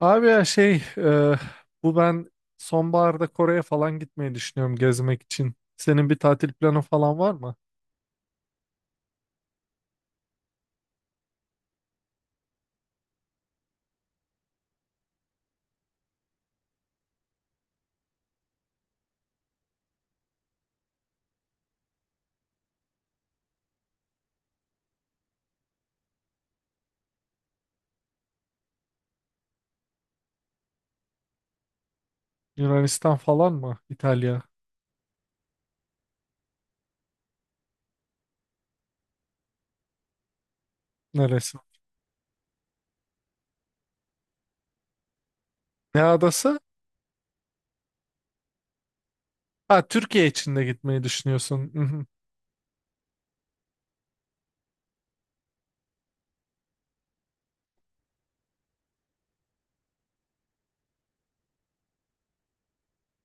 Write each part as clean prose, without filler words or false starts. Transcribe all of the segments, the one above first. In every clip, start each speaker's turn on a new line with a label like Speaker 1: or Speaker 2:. Speaker 1: Abi ya şey bu ben sonbaharda Kore'ye falan gitmeyi düşünüyorum gezmek için. Senin bir tatil planı falan var mı? Yunanistan falan mı? İtalya? Neresi? Ne adası? Ha, Türkiye için de gitmeyi düşünüyorsun. Hı hı.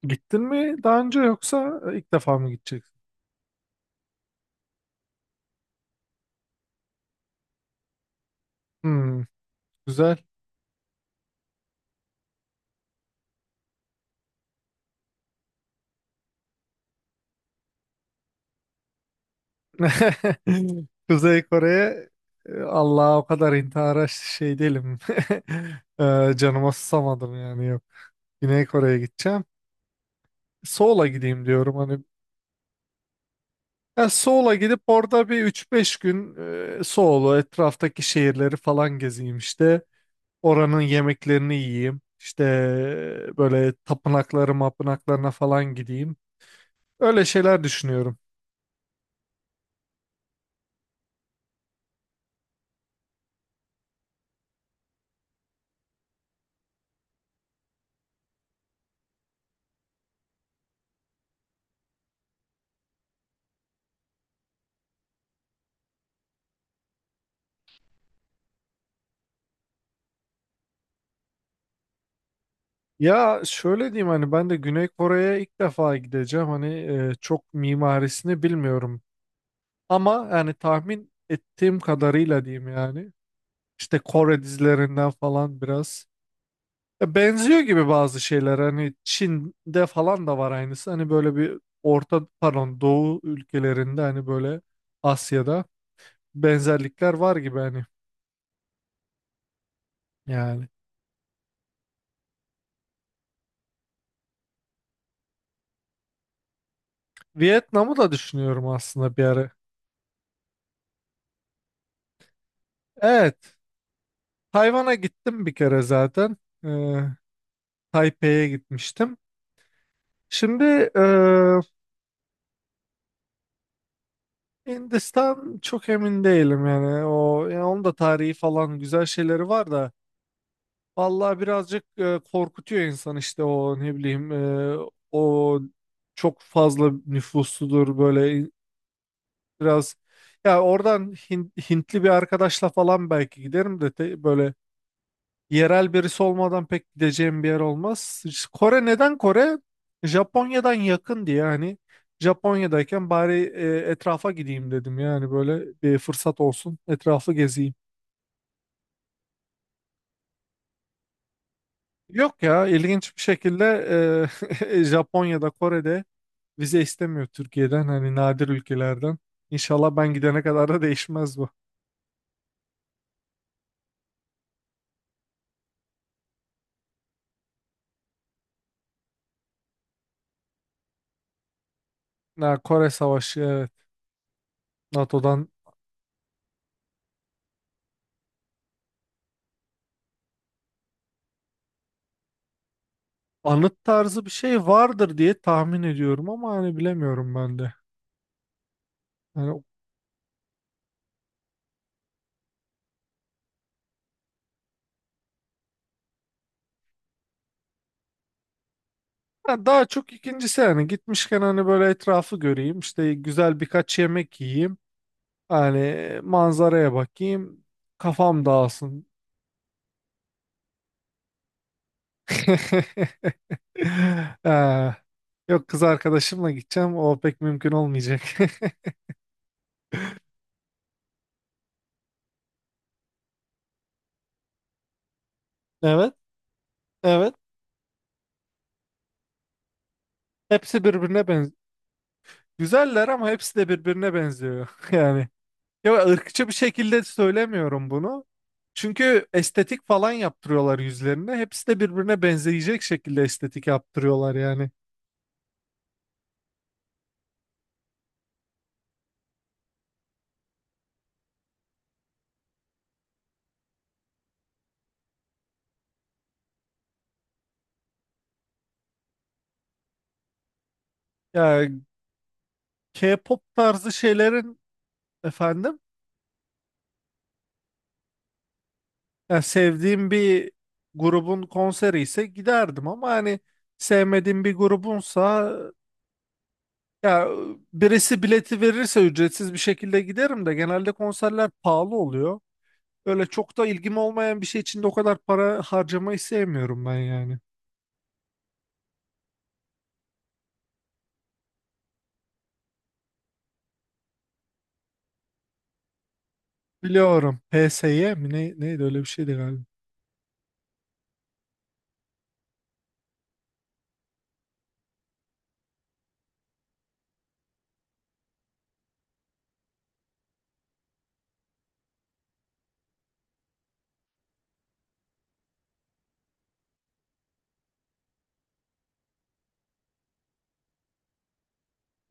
Speaker 1: Gittin mi daha önce yoksa ilk defa mı gideceksin? Hmm, güzel. Kuzey Kore'ye Allah'a o kadar intihara şey değilim. Canıma susamadım yani yok. Güney Kore'ye gideceğim. Seoul'a gideyim diyorum hani. Ya Seoul'a gidip orada bir üç beş gün Seoul'u etraftaki şehirleri falan gezeyim işte. Oranın yemeklerini yiyeyim. İşte böyle tapınakları mapınaklarına falan gideyim. Öyle şeyler düşünüyorum. Ya şöyle diyeyim, hani ben de Güney Kore'ye ilk defa gideceğim. Hani çok mimarisini bilmiyorum. Ama yani tahmin ettiğim kadarıyla diyeyim yani. İşte Kore dizilerinden falan biraz. Ya benziyor gibi bazı şeyler, hani Çin'de falan da var aynısı, hani böyle bir orta, pardon, Doğu ülkelerinde, hani böyle Asya'da benzerlikler var gibi hani yani. Vietnam'ı da düşünüyorum aslında bir ara. Evet, Tayvan'a gittim bir kere zaten. Ee, Taipei'ye gitmiştim. Şimdi e, Hindistan çok emin değilim yani, o yani, onun da tarihi falan güzel şeyleri var da. Vallahi birazcık korkutuyor insan işte, o ne bileyim, o çok fazla nüfusludur böyle, biraz, ya oradan Hintli bir arkadaşla falan belki giderim de, böyle yerel birisi olmadan pek gideceğim bir yer olmaz. İşte Kore neden Kore? Japonya'dan yakın diye hani, Japonya'dayken bari etrafa gideyim dedim yani, böyle bir fırsat olsun, etrafı gezeyim. Yok ya, ilginç bir şekilde Japonya'da Kore'de vize istemiyor Türkiye'den, hani nadir ülkelerden. İnşallah ben gidene kadar da değişmez bu. Ha, Kore Savaşı, evet, NATO'dan anıt tarzı bir şey vardır diye tahmin ediyorum ama hani bilemiyorum ben de. Hani ha, daha çok ikincisi, hani gitmişken hani böyle etrafı göreyim, işte güzel birkaç yemek yiyeyim, hani manzaraya bakayım, kafam dağılsın. Ee, yok, kız arkadaşımla gideceğim. O pek mümkün olmayacak. Evet, evet. Hepsi birbirine benziyor. Güzeller ama hepsi de birbirine benziyor. Yani ya, ırkçı bir şekilde söylemiyorum bunu. Çünkü estetik falan yaptırıyorlar yüzlerine. Hepsi de birbirine benzeyecek şekilde estetik yaptırıyorlar yani. Ya, K-pop tarzı şeylerin, efendim, ya sevdiğim bir grubun konseri ise giderdim ama hani sevmediğim bir grubunsa, ya birisi bileti verirse ücretsiz bir şekilde giderim de genelde konserler pahalı oluyor. Öyle çok da ilgim olmayan bir şey için de o kadar para harcamayı sevmiyorum ben yani. Biliyorum. PSY mi ne, neydi, öyle bir şeydi galiba.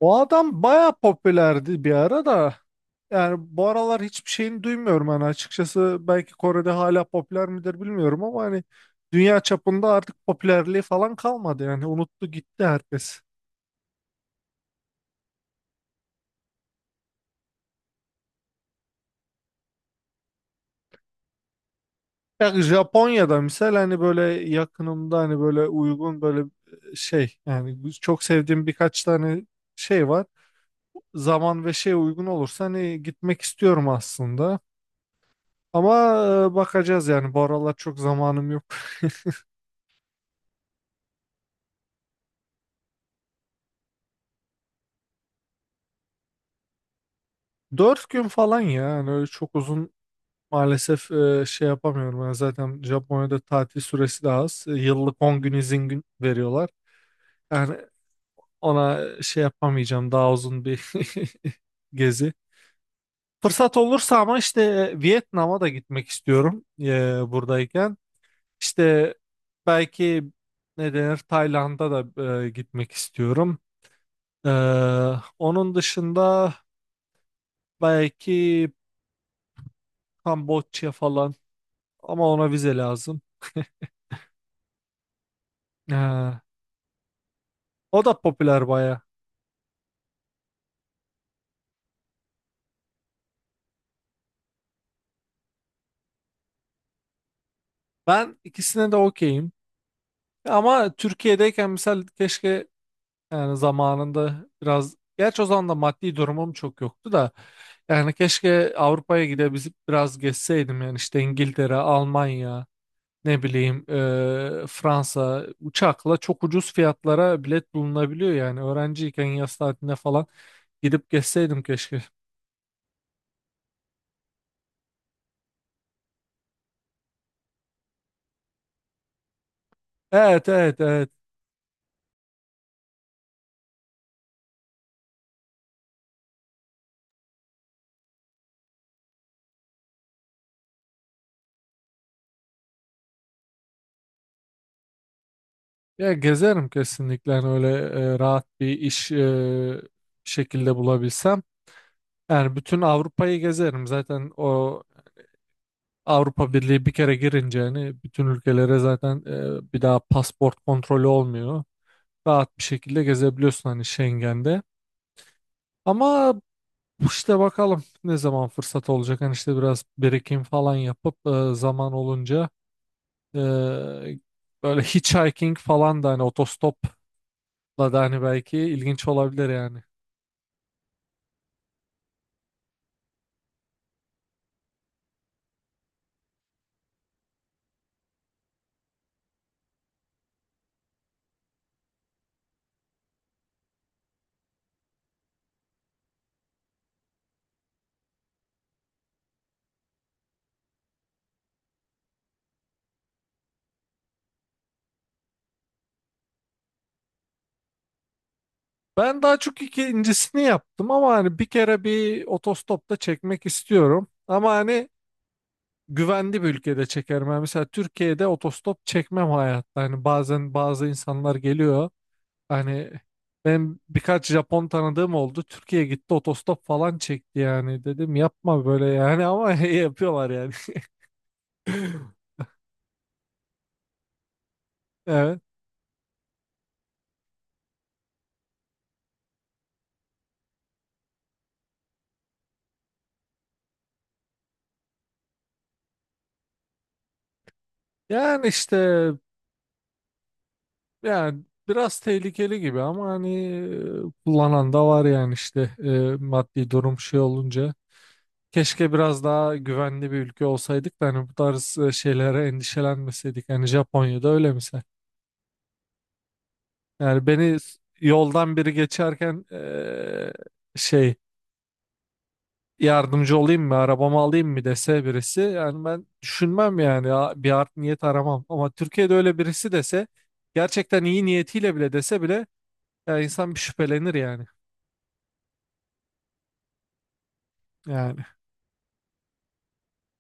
Speaker 1: O adam baya popülerdi bir ara da. Yani bu aralar hiçbir şeyini duymuyorum hani, açıkçası belki Kore'de hala popüler midir bilmiyorum ama hani, dünya çapında artık popülerliği falan kalmadı yani, unuttu gitti herkes. Ya Japonya'da misal, hani böyle yakınımda, hani böyle uygun, böyle şey yani, çok sevdiğim birkaç tane şey var. Zaman ve şeye uygun olursa hani gitmek istiyorum aslında. Ama bakacağız yani, bu aralar çok zamanım yok. 4 gün falan ya yani, öyle çok uzun maalesef şey yapamıyorum. Yani zaten Japonya'da tatil süresi de az. Yıllık 10 gün izin gün veriyorlar. Yani ona şey yapamayacağım, daha uzun bir gezi. Fırsat olursa ama, işte Vietnam'a da gitmek istiyorum buradayken. İşte belki, ne denir, Tayland'a da gitmek istiyorum. E, Onun dışında belki Kamboçya falan, ama ona vize lazım. E, O da popüler baya. Ben ikisine de okeyim. Ama Türkiye'deyken mesela, keşke yani, zamanında biraz, gerçi o zaman da maddi durumum çok yoktu da, yani keşke Avrupa'ya gidebilip biraz gezseydim yani, işte İngiltere, Almanya, ne bileyim Fransa, uçakla çok ucuz fiyatlara bilet bulunabiliyor yani, öğrenciyken yaz tatilinde falan gidip gezseydim keşke. Evet, evet, evet, ya gezerim kesinlikle yani, öyle rahat bir iş şekilde bulabilsem. Yani bütün Avrupa'yı gezerim zaten, o Avrupa Birliği bir kere girince hani, bütün ülkelere zaten bir daha pasport kontrolü olmuyor. Rahat bir şekilde gezebiliyorsun hani Schengen'de. Ama işte, bakalım ne zaman fırsat olacak. Hani işte, biraz birikim falan yapıp zaman olunca e, böyle hitchhiking falan da, hani otostopla da, hani belki ilginç olabilir yani. Ben daha çok ikincisini yaptım ama hani bir kere bir otostopta çekmek istiyorum. Ama hani güvenli bir ülkede çekerim. Yani mesela Türkiye'de otostop çekmem hayatta. Hani bazen bazı insanlar geliyor. Hani ben birkaç Japon tanıdığım oldu. Türkiye'ye gitti, otostop falan çekti yani. Dedim yapma böyle yani ama yapıyorlar yani. Evet. Yani işte, yani biraz tehlikeli gibi ama hani kullanan da var yani, işte maddi durum şey olunca. Keşke biraz daha güvenli bir ülke olsaydık da hani, bu tarz şeylere endişelenmeseydik. Hani Japonya'da öyle misal. Yani beni yoldan biri geçerken şey, yardımcı olayım mı, arabamı alayım mı dese birisi, yani ben düşünmem yani, bir art niyet aramam. Ama Türkiye'de öyle birisi dese, gerçekten iyi niyetiyle bile dese bile, ya insan bir şüphelenir yani. Yani.